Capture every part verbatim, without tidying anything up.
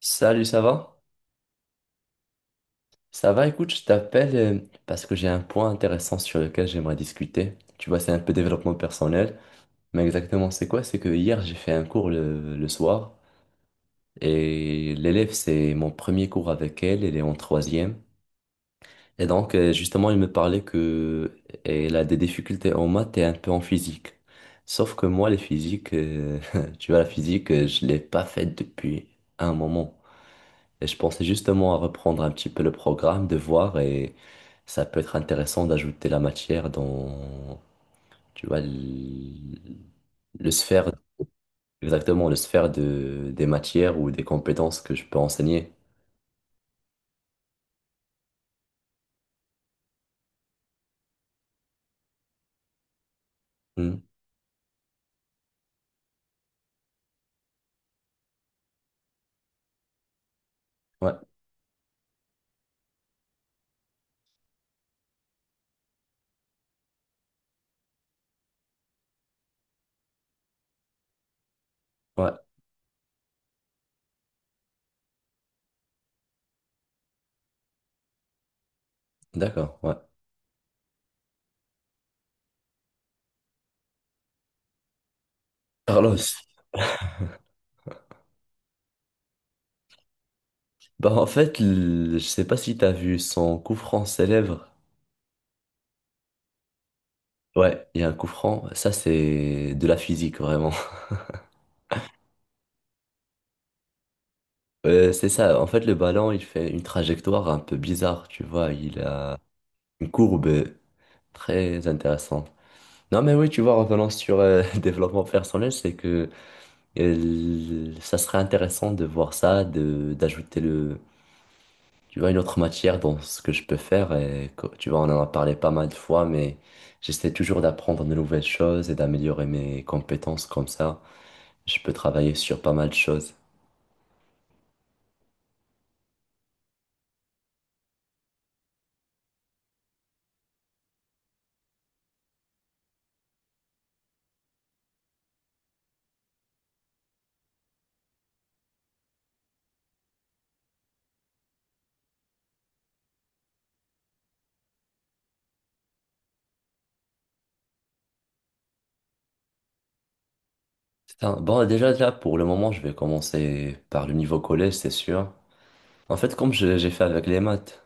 Salut, ça va? Ça va, écoute, je t'appelle euh, parce que j'ai un point intéressant sur lequel j'aimerais discuter. Tu vois, c'est un peu développement personnel, mais exactement c'est quoi? C'est que hier, j'ai fait un cours le, le soir et l'élève, c'est mon premier cours avec elle, elle est en troisième. Et donc, euh, justement, elle me parlait que elle a des difficultés en maths et un peu en physique. Sauf que moi, les physiques, euh, tu vois, la physique, euh, je l'ai pas faite depuis un moment. Et je pensais justement à reprendre un petit peu le programme, de voir, et ça peut être intéressant d'ajouter la matière dans, tu vois, l- le sphère, exactement, le sphère de, des matières ou des compétences que je peux enseigner. Hmm. Ouais, ouais, d'accord, ouais. Carlos, bah en fait, l- je sais pas si t'as vu son coup franc célèbre. Ouais, il y a un coup franc, ça c'est de la physique vraiment. Euh, c'est ça, en fait le ballon il fait une trajectoire un peu bizarre, tu vois, il a... Une courbe très intéressante. Non, mais oui, tu vois, revenant sur euh, développement personnel, c'est que euh, ça serait intéressant de voir ça, de d'ajouter le, tu vois, une autre matière dans ce que je peux faire. Et, co- tu vois, on en a parlé pas mal de fois, mais j'essaie toujours d'apprendre de nouvelles choses et d'améliorer mes compétences comme ça. Je peux travailler sur pas mal de choses. C'est un- Bon, déjà, là, pour le moment, je vais commencer par le niveau collège, c'est sûr. En fait, comme je- j'ai fait avec les maths.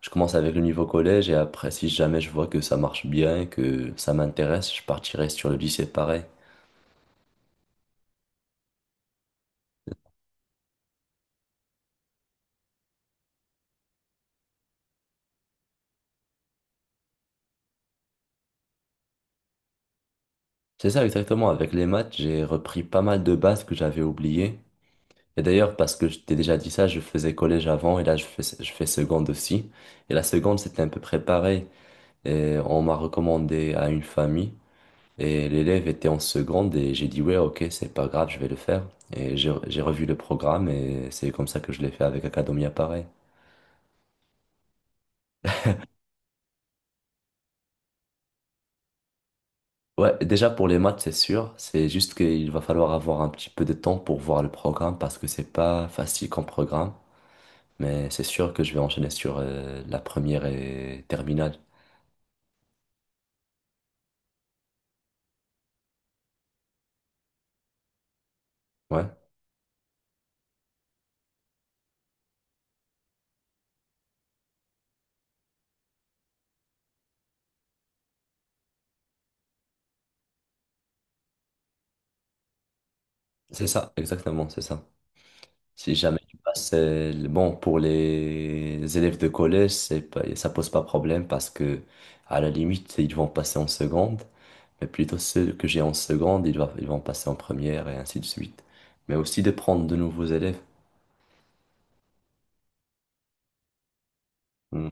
Je commence avec le niveau collège et après, si jamais je vois que ça marche bien, que ça m'intéresse, je partirai sur le lycée pareil. C'est ça exactement, avec les maths, j'ai repris pas mal de bases que j'avais oubliées. Et d'ailleurs, parce que je t'ai déjà dit ça, je faisais collège avant et là, je fais, je fais seconde aussi. Et la seconde, c'était un peu préparé. Et on m'a recommandé à une famille et l'élève était en seconde et j'ai dit, ouais, ok, c'est pas grave, je vais le faire. Et j'ai j'ai revu le programme et c'est comme ça que je l'ai fait avec Academia pareil. Ouais, déjà pour les maths, c'est sûr. C'est juste qu'il va falloir avoir un petit peu de temps pour voir le programme parce que c'est pas facile comme programme. Mais c'est sûr que je vais enchaîner sur euh, la première et terminale. Ouais, c'est ça, exactement, c'est ça. Si jamais tu passes, euh, le- bon, pour les élèves de collège, c'est pas, ça pose pas problème parce que à la limite, ils vont passer en seconde. Mais plutôt ceux que j'ai en seconde, ils vont, ils vont passer en première et ainsi de suite. Mais aussi de prendre de nouveaux élèves. Hmm.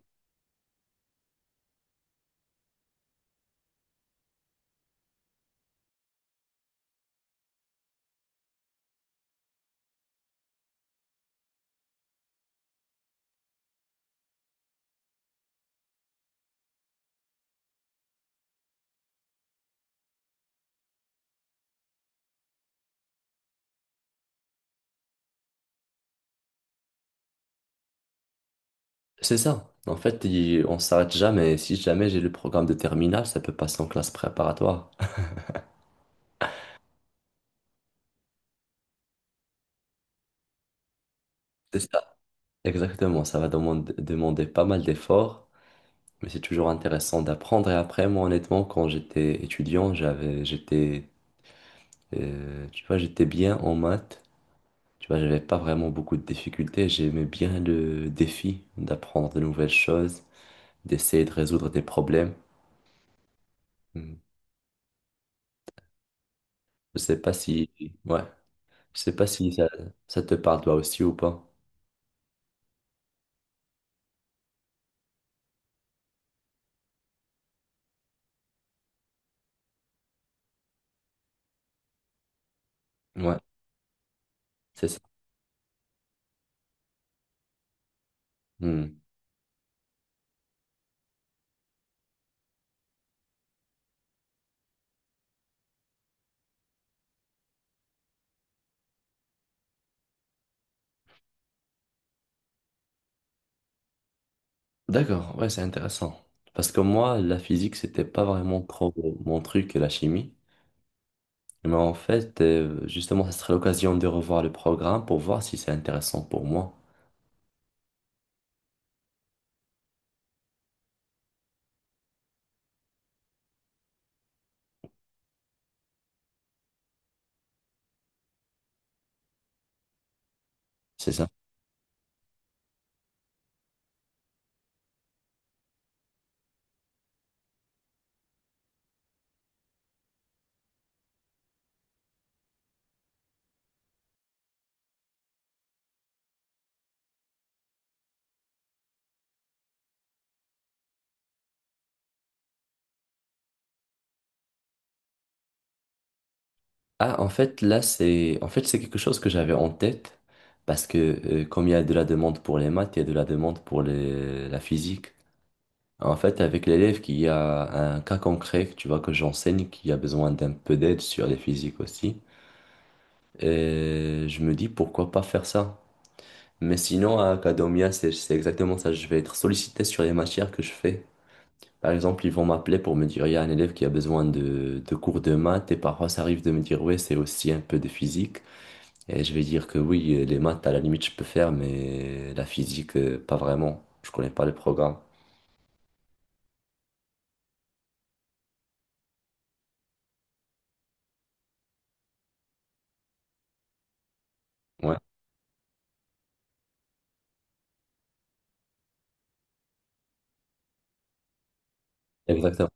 C'est ça. En fait, il- on s'arrête jamais. Si jamais j'ai le programme de terminale, ça peut passer en classe préparatoire. C'est ça. Exactement. Ça va demander, demander pas mal d'efforts, mais c'est toujours intéressant d'apprendre. Et après, moi, honnêtement, quand j'étais étudiant, j'avais, j'étais, euh, tu vois, j'étais bien en maths. Tu vois, j'avais pas vraiment beaucoup de difficultés. J'aimais bien le défi d'apprendre de nouvelles choses, d'essayer de résoudre des problèmes. Hmm. Je sais pas si, ouais, je sais pas si ça, ça te parle toi aussi ou pas. Ouais. C'est ça. Hmm. D'accord, ouais, c'est intéressant. Parce que moi, la physique, c'était pas vraiment trop mon truc, la chimie. Mais en fait, euh, justement, ça serait l'occasion de revoir le programme pour voir si c'est intéressant pour moi. C'est ça. Ah, en fait, là, c'est en fait, c'est quelque chose que j'avais en tête. Parce que euh, comme il y a de la demande pour les maths, il y a de la demande pour les- la physique. En fait, avec l'élève qui a un cas concret, tu vois, que j'enseigne, qui a besoin d'un peu d'aide sur les physiques aussi. Et je me dis pourquoi pas faire ça. Mais sinon, à Academia, c'est c'est exactement ça. Je vais être sollicité sur les matières que je fais. Par exemple, ils vont m'appeler pour me dire, il y a un élève qui a besoin de, de cours de maths. Et parfois, ça arrive de me dire, ouais, c'est aussi un peu de physique. Et je vais dire que oui, les maths, à la limite, je peux faire, mais la physique, euh, pas vraiment. Je connais pas le programme. Ouais, exactement.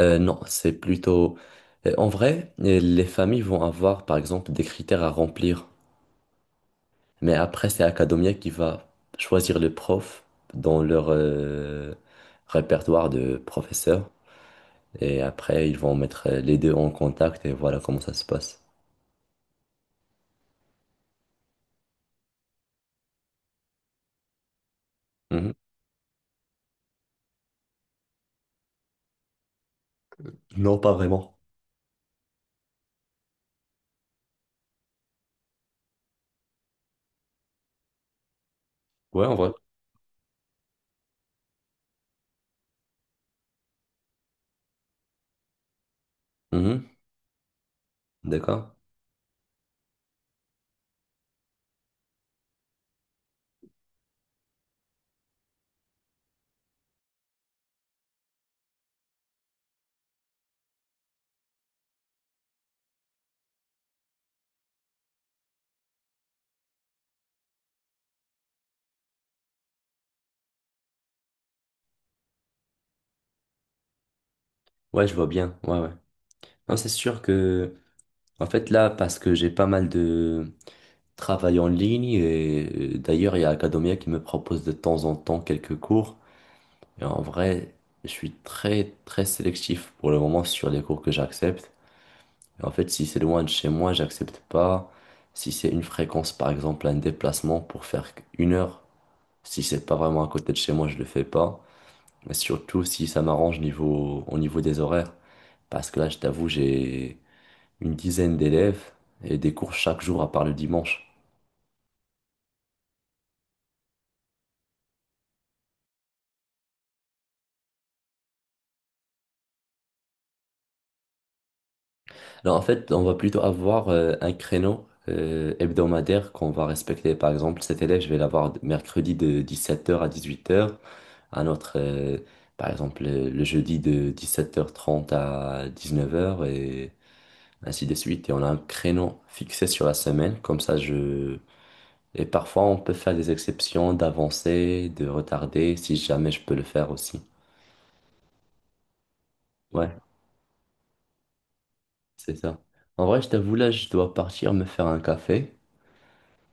Euh, non, c'est plutôt... euh, En vrai, euh, les familles vont avoir, par exemple, des critères à remplir. Mais après, c'est Academia qui va choisir les profs dans leur euh, répertoire de professeurs. Et après, ils vont mettre euh, les deux en contact et voilà comment ça se passe. Mhm. Non, pas vraiment. Ouais, en vrai. Mhm. D'accord. Ouais, je vois bien. Ouais, ouais. Non, c'est sûr que, en fait, là, parce que j'ai pas mal de travail en ligne et euh, d'ailleurs, il y a Academia qui me propose de temps en temps quelques cours. Et en vrai, je suis très, très sélectif pour le moment sur les cours que j'accepte. En fait, si c'est loin de chez moi, j'accepte pas. Si c'est une fréquence, par exemple, un déplacement pour faire une heure, si c'est pas vraiment à côté de chez moi, je le fais pas. Mais surtout si ça m'arrange niveau, au niveau des horaires. Parce que là, je t'avoue, j'ai une dizaine d'élèves et des cours chaque jour à part le dimanche. Alors en fait, on va plutôt avoir euh, un créneau euh, hebdomadaire qu'on va respecter. Par exemple, cet élève, je vais l'avoir mercredi de dix-sept heures à dix-huit heures. Un autre, euh, par exemple, euh, le jeudi de dix-sept heures trente à dix-neuf heures et ainsi de suite. Et on a un créneau fixé sur la semaine. Comme ça, je... Et parfois, on peut faire des exceptions d'avancer, de retarder, si jamais je peux le faire aussi. Ouais, c'est ça. En vrai, je t'avoue, là, je dois partir me faire un café.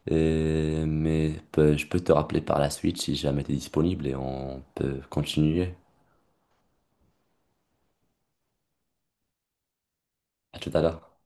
Et- mais peu- je peux te rappeler par la suite si jamais tu es disponible et on peut continuer. À tout à l'heure.